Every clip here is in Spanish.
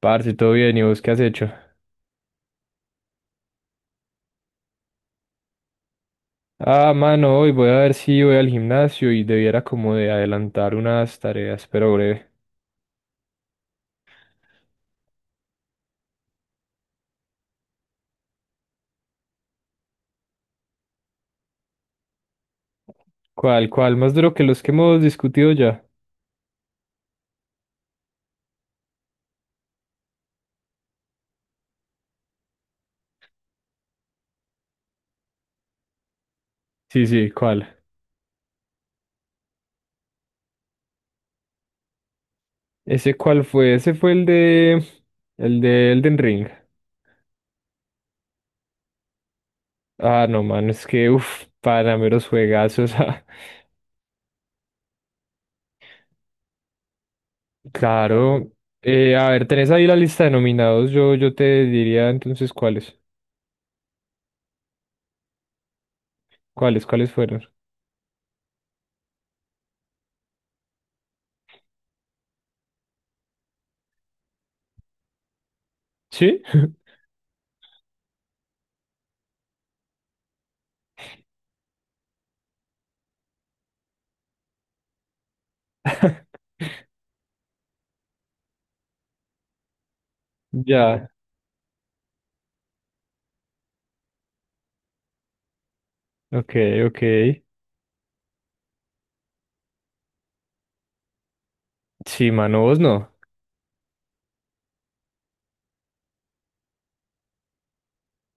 Parce, todo bien, ¿y vos qué has hecho? Ah, mano, hoy voy a ver si voy al gimnasio y debiera como de adelantar unas tareas, pero breve. ¿Cuál, cuál? Más duro que los que hemos discutido ya. Sí, sí, ¿cuál? ¿Ese cuál fue? Ese fue el de Elden Ring. Ah, no, mano, es que, uff, para meros juegazos. ah. Claro. A ver, tenés ahí la lista de nominados, yo te diría entonces cuáles. ¿Cuáles, cuáles fueron? ¿Sí? Ya, ok, ok. Sí, mano, vos no.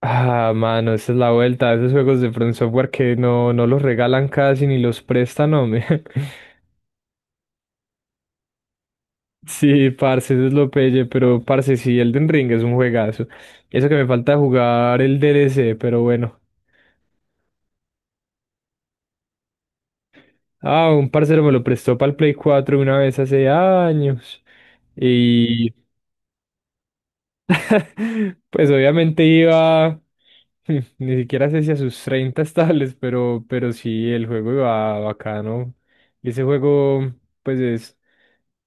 Ah, mano, esa es la vuelta. Esos juegos de From Software que no, no los regalan casi ni los prestan, hombre. Sí, parce, eso es lo pelle, pero parce, sí, Elden Ring es un juegazo. Eso que me falta jugar el D. DLC, pero bueno. Ah, un parcero me lo prestó para el Play 4 una vez hace años. Y pues obviamente iba. Ni siquiera sé si a sus 30 estables, pero sí, el juego iba bacano. Y ese juego, pues es,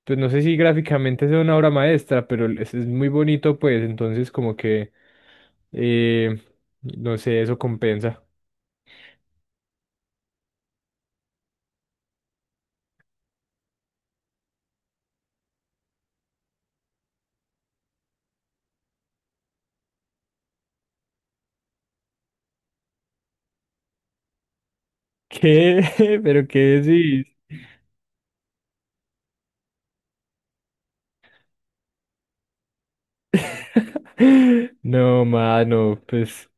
pues no sé si gráficamente sea una obra maestra, pero es muy bonito, pues entonces como que, eh, no sé, eso compensa. ¿Qué? ¿Pero qué decís? No, mano, pues,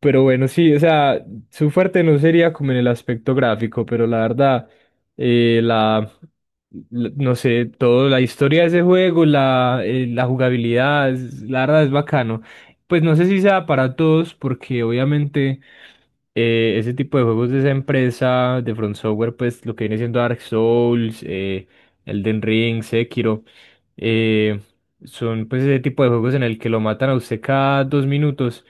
pero bueno, sí, o sea, su fuerte no sería como en el aspecto gráfico, pero la verdad, eh, la, no sé, toda la historia de ese juego, la jugabilidad, la verdad es bacano. Pues no sé si sea para todos, porque obviamente ese tipo de juegos de esa empresa, de Front Software, pues lo que viene siendo Dark Souls, Elden Ring, Sekiro. eh, son pues ese tipo de juegos en el que lo matan a usted cada dos minutos,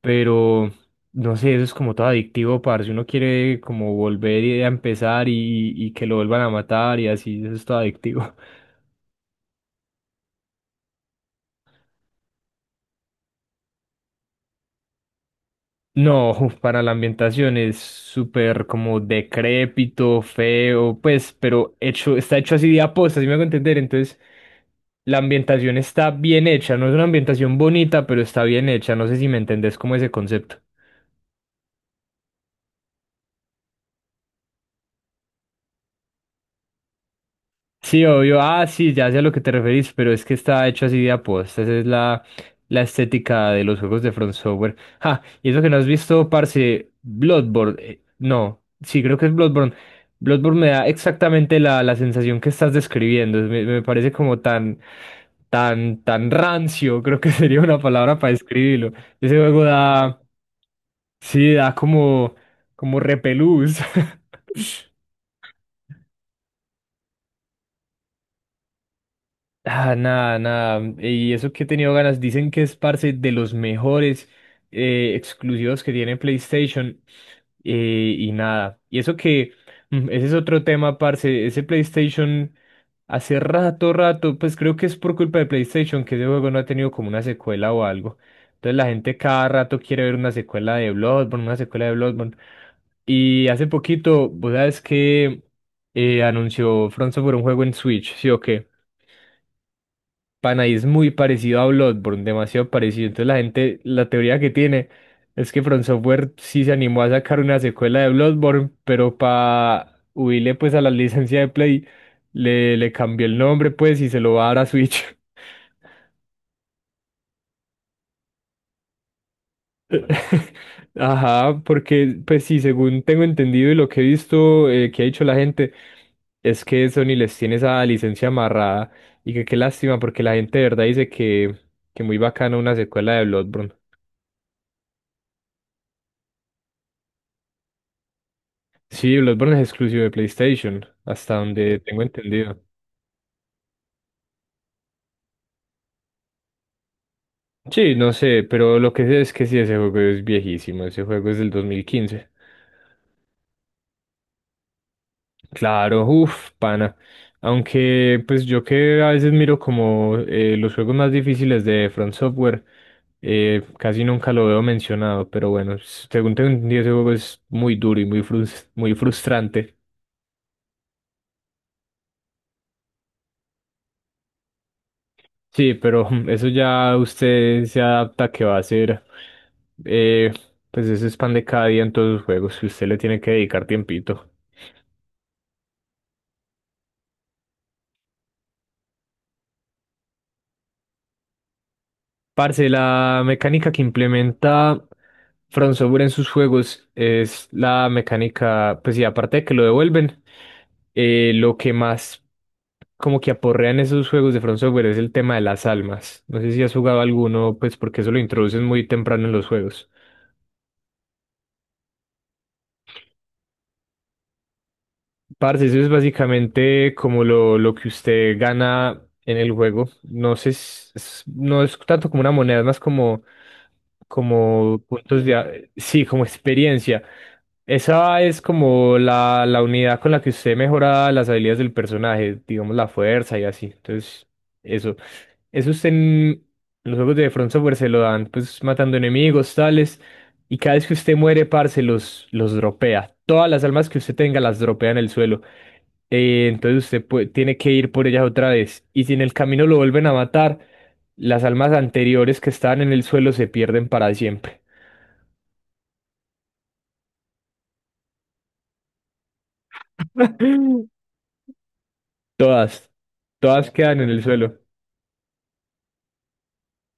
pero no sé, eso es como todo adictivo, parce. Uno quiere como volver a empezar y que lo vuelvan a matar y así, eso es todo adictivo. No, uf, para la ambientación es súper como decrépito, feo, pues, pero hecho, está hecho así de aposta, si me hago entender. Entonces, la ambientación está bien hecha, no es una ambientación bonita, pero está bien hecha. No sé si me entendés como ese concepto. Sí, obvio. Ah, sí, ya sé a lo que te referís, pero es que está hecho así de aposta. Esa es la estética de los juegos de Front Software. Ah, y eso que no has visto, parce, Bloodborne. No, sí, creo que es Bloodborne. Bloodborne me da exactamente la sensación que estás describiendo. Me parece como tan, tan, tan rancio, creo que sería una palabra para describirlo. Ese juego da, sí, da como, como repelús. Ah, nada, nada. Y eso que he tenido ganas, dicen que es parce de los mejores exclusivos que tiene PlayStation y nada. Y eso que ese es otro tema, parce. Ese PlayStation hace rato, rato, pues creo que es por culpa de PlayStation que ese juego no ha tenido como una secuela o algo. Entonces la gente cada rato quiere ver una secuela de Bloodborne, una secuela de Bloodborne. Y hace poquito, vos sabes que anunció Front Software un juego en Switch, ¿sí o qué? Pana, y es muy parecido a Bloodborne, demasiado parecido. Entonces la gente, la teoría que tiene es que From Software sí se animó a sacar una secuela de Bloodborne, pero para huirle pues a la licencia de Play, le cambió el nombre pues y se lo va a dar a Switch. Ajá, porque pues sí, según tengo entendido y lo que he visto que ha dicho la gente, es que Sony les tiene esa licencia amarrada y que qué lástima porque la gente de verdad dice que muy bacana una secuela de Bloodborne. Sí, Bloodborne es exclusivo de PlayStation, hasta donde tengo entendido. Sí, no sé, pero lo que sé es que sí, ese juego es viejísimo, ese juego es del 2015. Claro, uff, pana. Aunque, pues yo que a veces miro como los juegos más difíciles de Front Software, casi nunca lo veo mencionado, pero bueno, según tengo entendido, ese juego es muy duro y muy muy frustrante. Sí, pero eso ya usted se adapta que va a ser, eh, pues eso es pan de cada día en todos los juegos, que usted le tiene que dedicar tiempito. Parce, la mecánica que implementa From Software en sus juegos es la mecánica, pues sí, aparte de que lo devuelven, lo que más como que aporrean esos juegos de From Software es el tema de las almas. No sé si has jugado alguno, pues porque eso lo introducen muy temprano en los juegos. Parce, eso es básicamente como lo que usted gana en el juego. No sé, no es tanto como una moneda, es más como, como puntos de... Sí, como experiencia. Esa es como la unidad con la que usted mejora las habilidades del personaje, digamos la fuerza y así. Entonces, eso. Eso usted en los juegos de Front Software se lo dan, pues matando enemigos, tales. Y cada vez que usted muere, parce, los dropea. Todas las almas que usted tenga las dropea en el suelo. Entonces usted tiene que ir por ellas otra vez. Y si en el camino lo vuelven a matar, las almas anteriores que estaban en el suelo se pierden para siempre. Todas. Todas quedan en el suelo.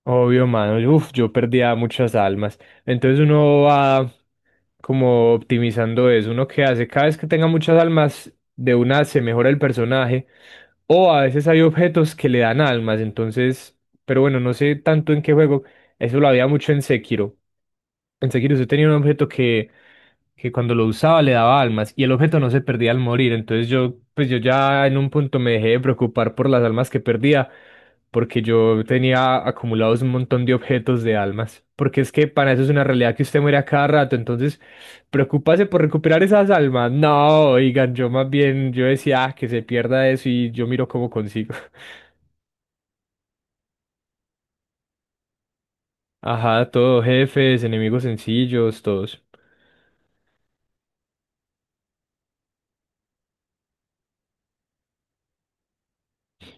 Obvio, mano. Uf, yo perdía muchas almas. Entonces uno va como optimizando eso. Uno que hace, cada vez que tenga muchas almas, de una se mejora el personaje. O a veces hay objetos que le dan almas. Entonces, pero bueno, no sé tanto en qué juego. Eso lo había mucho en Sekiro. En Sekiro usted tenía un objeto que cuando lo usaba le daba almas y el objeto no se perdía al morir. Entonces yo, pues yo ya en un punto me dejé de preocupar por las almas que perdía porque yo tenía acumulados un montón de objetos de almas. Porque es que para eso es una realidad que usted muere a cada rato. Entonces, preocuparse por recuperar esas almas. No, oigan, yo más bien, yo decía, "Ah, que se pierda eso y yo miro cómo consigo". Ajá, todo, jefes, enemigos sencillos, todos.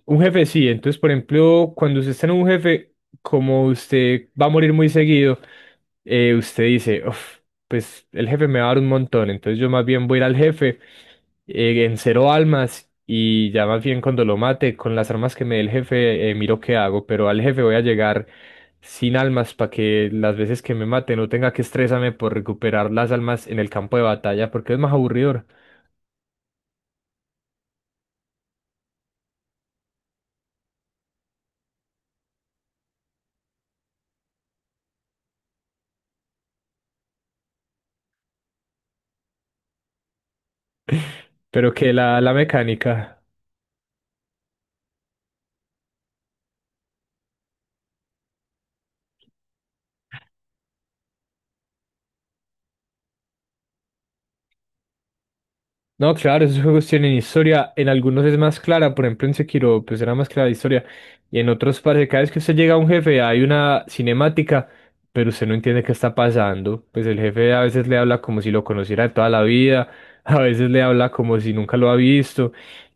Un jefe sí, entonces por ejemplo, cuando usted está en un jefe, como usted va a morir muy seguido, usted dice, "Uf, pues el jefe me va a dar un montón, entonces yo más bien voy a ir al jefe en cero almas y ya más bien cuando lo mate con las armas que me dé el jefe, miro qué hago, pero al jefe voy a llegar sin almas para que las veces que me mate no tenga que estresarme por recuperar las almas en el campo de batalla, porque es más aburridor, pero que la mecánica". No, claro, esos juegos tienen historia. En algunos es más clara, por ejemplo en Sekiro, pues era más clara la historia. Y en otros parece que cada vez que usted llega a un jefe hay una cinemática, pero usted no entiende qué está pasando. Pues el jefe a veces le habla como si lo conociera de toda la vida, a veces le habla como si nunca lo ha visto.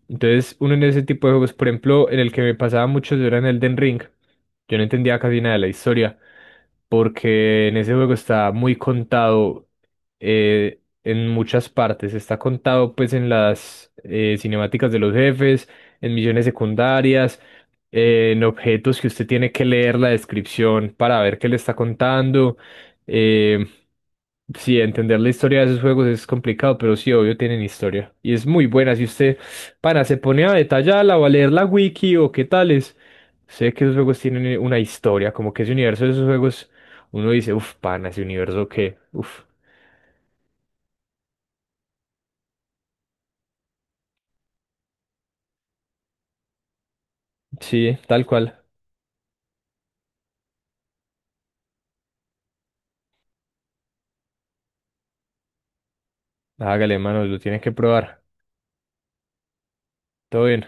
Entonces, uno en ese tipo de juegos, por ejemplo, en el que me pasaba mucho yo era en Elden Ring. Yo no entendía casi nada de la historia porque en ese juego está muy contado en muchas partes. Está contado pues en las cinemáticas de los jefes, en misiones secundarias, en objetos que usted tiene que leer la descripción para ver qué le está contando. eh, Sí, entender la historia de esos juegos es complicado, pero sí, obvio, tienen historia. Y es muy buena. Si usted, pana, se pone a detallarla o a leer la wiki o qué tales, sé que esos juegos tienen una historia. Como que ese universo de esos juegos, uno dice, uff, pana, ese universo que, uff. Sí, tal cual. Hágale, mano, lo tiene que probar. Todo bien.